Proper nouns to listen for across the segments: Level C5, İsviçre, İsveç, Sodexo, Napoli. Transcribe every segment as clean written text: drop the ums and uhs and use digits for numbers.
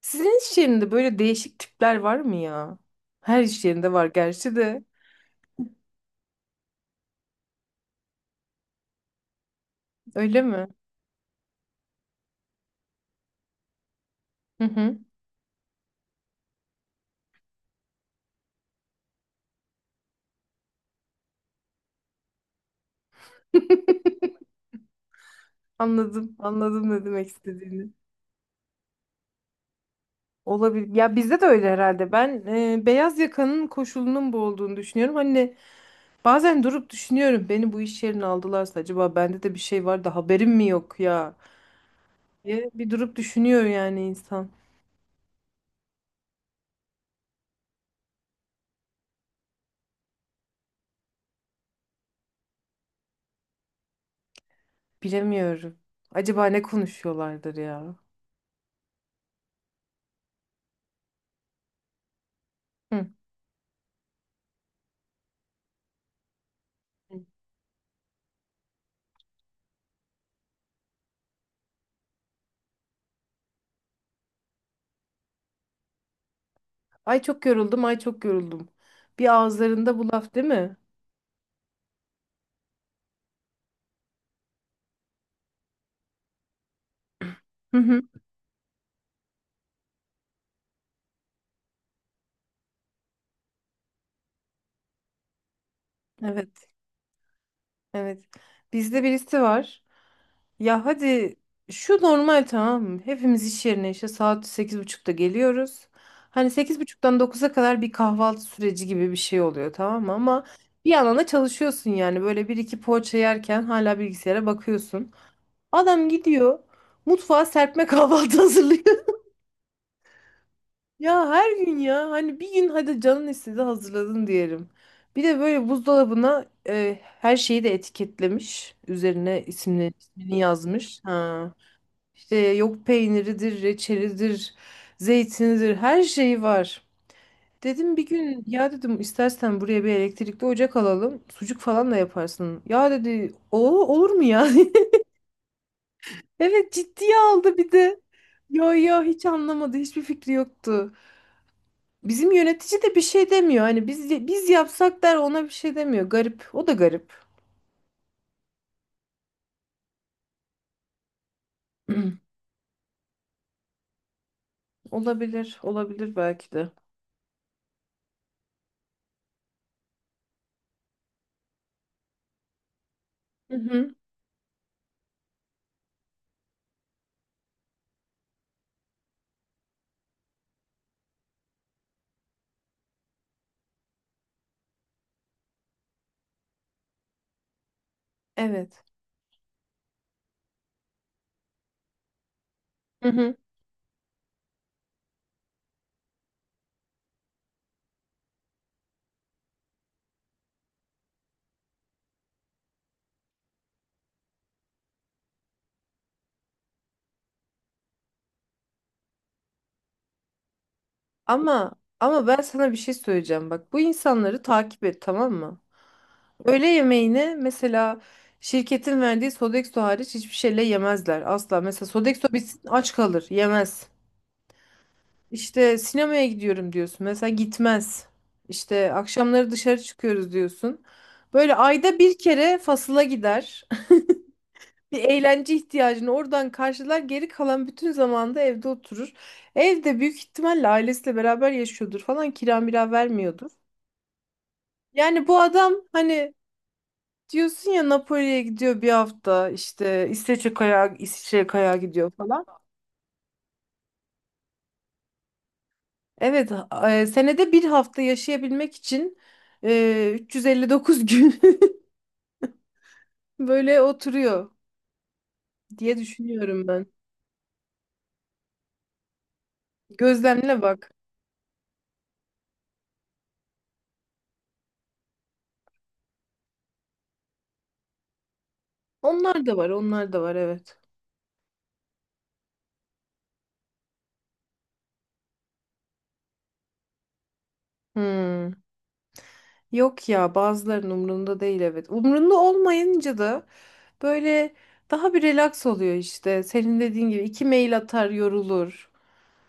Sizin iş yerinde böyle değişik tipler var mı ya? Her iş yerinde var gerçi de. Öyle mi? Hı hı. Anladım Anladım ne demek istediğini. Olabilir. Ya bizde de öyle herhalde. Ben beyaz yakanın koşulunun bu olduğunu düşünüyorum. Hani bazen durup düşünüyorum. Beni bu iş yerine aldılarsa acaba bende de bir şey var da haberim mi yok ya? Diye bir durup düşünüyor yani insan. Bilemiyorum. Acaba ne konuşuyorlardır ya? Hı. Ay çok yoruldum, ay çok yoruldum. Bir ağızlarında bu laf değil mi? Hı hı. Evet, evet. Bizde birisi var. Ya hadi şu normal tamam mı? Hepimiz iş yerine işte saat 8.30'da geliyoruz. Hani 8.30'dan 9'a kadar bir kahvaltı süreci gibi bir şey oluyor tamam mı? Ama bir yandan da çalışıyorsun yani. Böyle bir iki poğaça yerken hala bilgisayara bakıyorsun. Adam gidiyor mutfağa serpme kahvaltı hazırlıyor. Ya her gün ya hani bir gün hadi canın istedi hazırladın diyelim. Bir de böyle buzdolabına her şeyi de etiketlemiş. Üzerine isimle, ismini yazmış. Ha. İşte yok peyniridir, reçelidir, zeytinidir her şeyi var. Dedim bir gün ya dedim istersen buraya bir elektrikli ocak alalım. Sucuk falan da yaparsın. Ya dedi o olur mu ya? Evet ciddiye aldı bir de. Yo yo hiç anlamadı hiçbir fikri yoktu. Bizim yönetici de bir şey demiyor. Hani biz yapsak der ona bir şey demiyor. Garip. O da garip. Olabilir, olabilir belki de. Hı hı. Evet. Hı hı. Ama Ama ben sana bir şey söyleyeceğim. Bak bu insanları takip et tamam mı? Öğle yemeğini mesela şirketin verdiği Sodexo hariç hiçbir şeyle yemezler asla. Mesela Sodexo bitsin aç kalır, yemez. İşte sinemaya gidiyorum diyorsun. Mesela gitmez. İşte akşamları dışarı çıkıyoruz diyorsun. Böyle ayda bir kere fasıla gider. Bir eğlence ihtiyacını oradan karşılar. Geri kalan bütün zamanda evde oturur. Evde büyük ihtimalle ailesiyle beraber yaşıyordur falan. Kira mira vermiyordur. Yani bu adam hani diyorsun ya Napoli'ye gidiyor bir hafta. İşte İsveç'e kayağa, İsviçre'ye kayağa gidiyor falan. Evet, senede bir hafta yaşayabilmek için 359 gün. Böyle oturuyor diye düşünüyorum ben. Gözlemle bak. Onlar da var, onlar da var evet. Hmm. Yok ya bazılarının umrunda değil evet. Umrunda olmayınca da böyle daha bir relax oluyor işte. Senin dediğin gibi iki mail atar yorulur.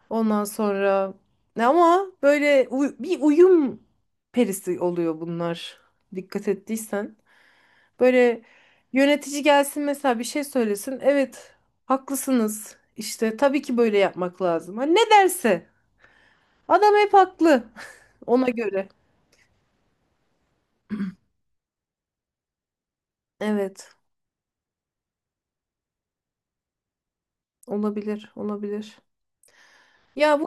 Ondan sonra ama böyle bir uyum perisi oluyor bunlar. Dikkat ettiysen. Böyle yönetici gelsin mesela bir şey söylesin. Evet, haklısınız. İşte tabii ki böyle yapmak lazım. Hani ne derse. Adam hep haklı ona göre. Evet, olabilir, olabilir. Ya bu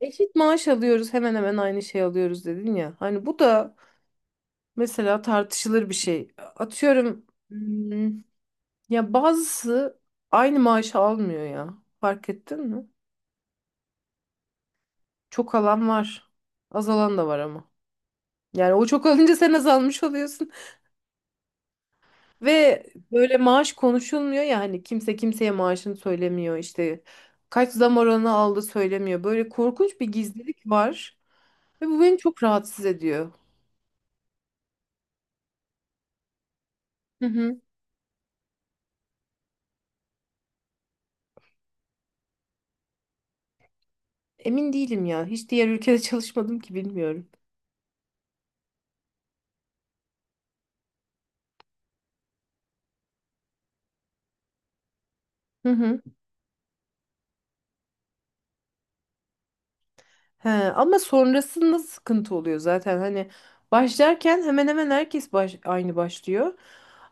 eşit maaş alıyoruz, hemen hemen aynı şey alıyoruz dedin ya. Hani bu da mesela tartışılır bir şey. Atıyorum ya bazısı aynı maaşı almıyor ya. Fark ettin mi? Çok alan var. Azalan da var ama. Yani o çok alınca sen azalmış oluyorsun. Ve böyle maaş konuşulmuyor ya hani kimse kimseye maaşını söylemiyor işte kaç zam oranı aldı söylemiyor. Böyle korkunç bir gizlilik var ve bu beni çok rahatsız ediyor. Hı hı. Emin değilim ya hiç diğer ülkede çalışmadım ki bilmiyorum. Hı hı. He, ama sonrasında sıkıntı oluyor zaten hani başlarken hemen hemen herkes aynı başlıyor.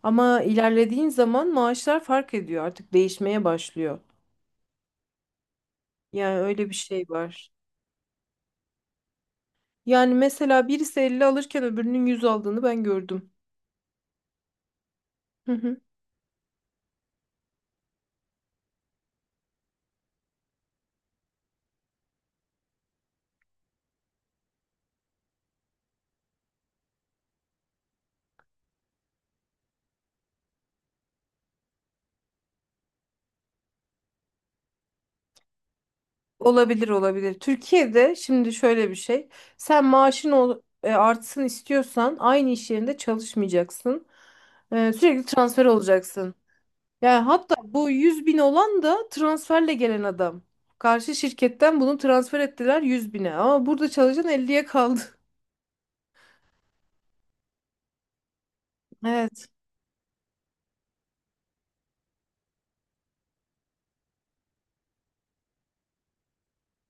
Ama ilerlediğin zaman maaşlar fark ediyor artık değişmeye başlıyor. Yani öyle bir şey var. Yani mesela birisi 50 alırken öbürünün 100 aldığını ben gördüm. Hı hı. Olabilir. Türkiye'de şimdi şöyle bir şey. Sen artsın istiyorsan aynı iş yerinde çalışmayacaksın. Sürekli transfer olacaksın. Yani hatta bu 100 bin olan da transferle gelen adam. Karşı şirketten bunu transfer ettiler 100 bine. Ama burada çalışan 50'ye kaldı. Evet,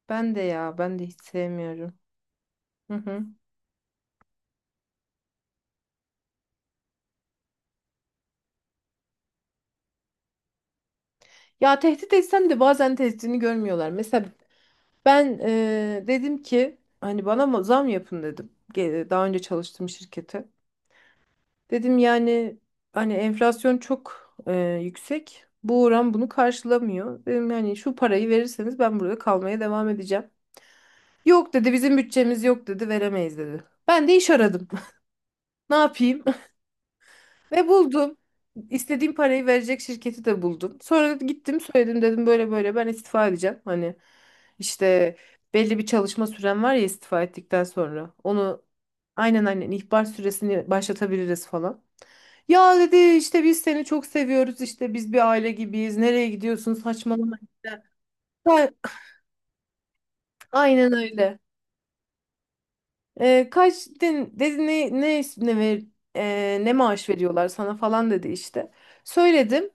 ben de ya, ben de hiç sevmiyorum. Hı hı. Ya tehdit etsem de bazen tehdidini görmüyorlar. Mesela ben dedim ki hani zam yapın dedim. Daha önce çalıştığım şirkete. Dedim yani hani enflasyon çok yüksek. Bu oran bunu karşılamıyor. Dedim yani şu parayı verirseniz ben burada kalmaya devam edeceğim. Yok dedi bizim bütçemiz yok dedi veremeyiz dedi. Ben de iş aradım. Ne yapayım? Ve buldum. İstediğim parayı verecek şirketi de buldum. Sonra gittim söyledim dedim böyle böyle ben istifa edeceğim. Hani işte belli bir çalışma süren var ya istifa ettikten sonra. Onu aynen ihbar süresini başlatabiliriz falan. Ya dedi işte biz seni çok seviyoruz işte biz bir aile gibiyiz. Nereye gidiyorsun saçmalama. İşte." Ka- Aynen öyle. Kaç dedin, dedi ne ne ne ver ne maaş veriyorlar sana falan dedi işte. Söyledim.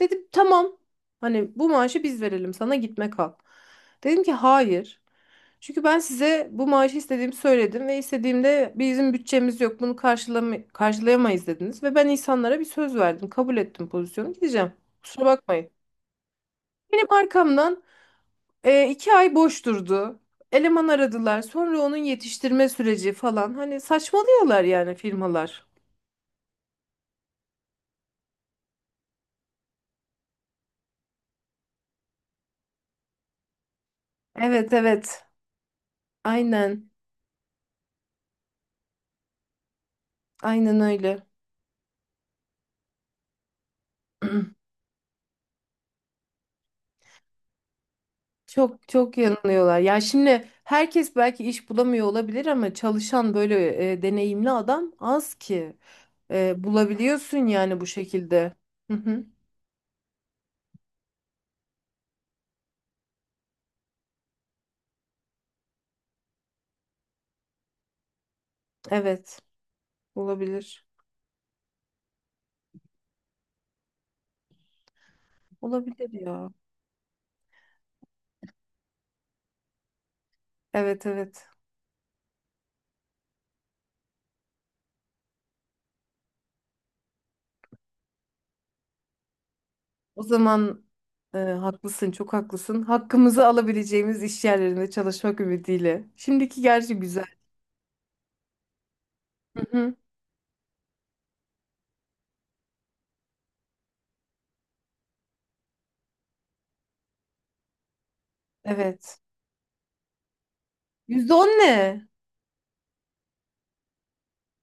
Dedim tamam. Hani bu maaşı biz verelim sana gitme kal. Dedim ki hayır. Çünkü ben size bu maaşı istediğimi söyledim ve istediğimde bizim bütçemiz yok bunu karşılayamayız dediniz. Ve ben insanlara bir söz verdim kabul ettim pozisyonu gideceğim. Kusura bakmayın. Benim arkamdan 2 ay boş durdu. Eleman aradılar sonra onun yetiştirme süreci falan hani saçmalıyorlar yani firmalar. Evet aynen aynen öyle. Çok yanılıyorlar. Ya şimdi herkes belki iş bulamıyor olabilir ama çalışan böyle deneyimli adam az ki. Bulabiliyorsun yani bu şekilde. Hı hı. Evet, olabilir. Olabilir ya. Evet evet. O zaman haklısın, çok haklısın. Hakkımızı alabileceğimiz iş yerlerinde çalışmak ümidiyle. Şimdiki gerçi güzel. Hı hı. Evet. %10 ne?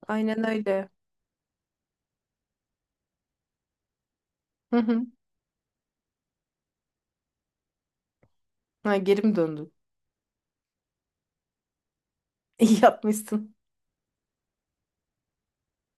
Aynen öyle. Hı hı. Ha, geri mi döndün? İyi yapmışsın.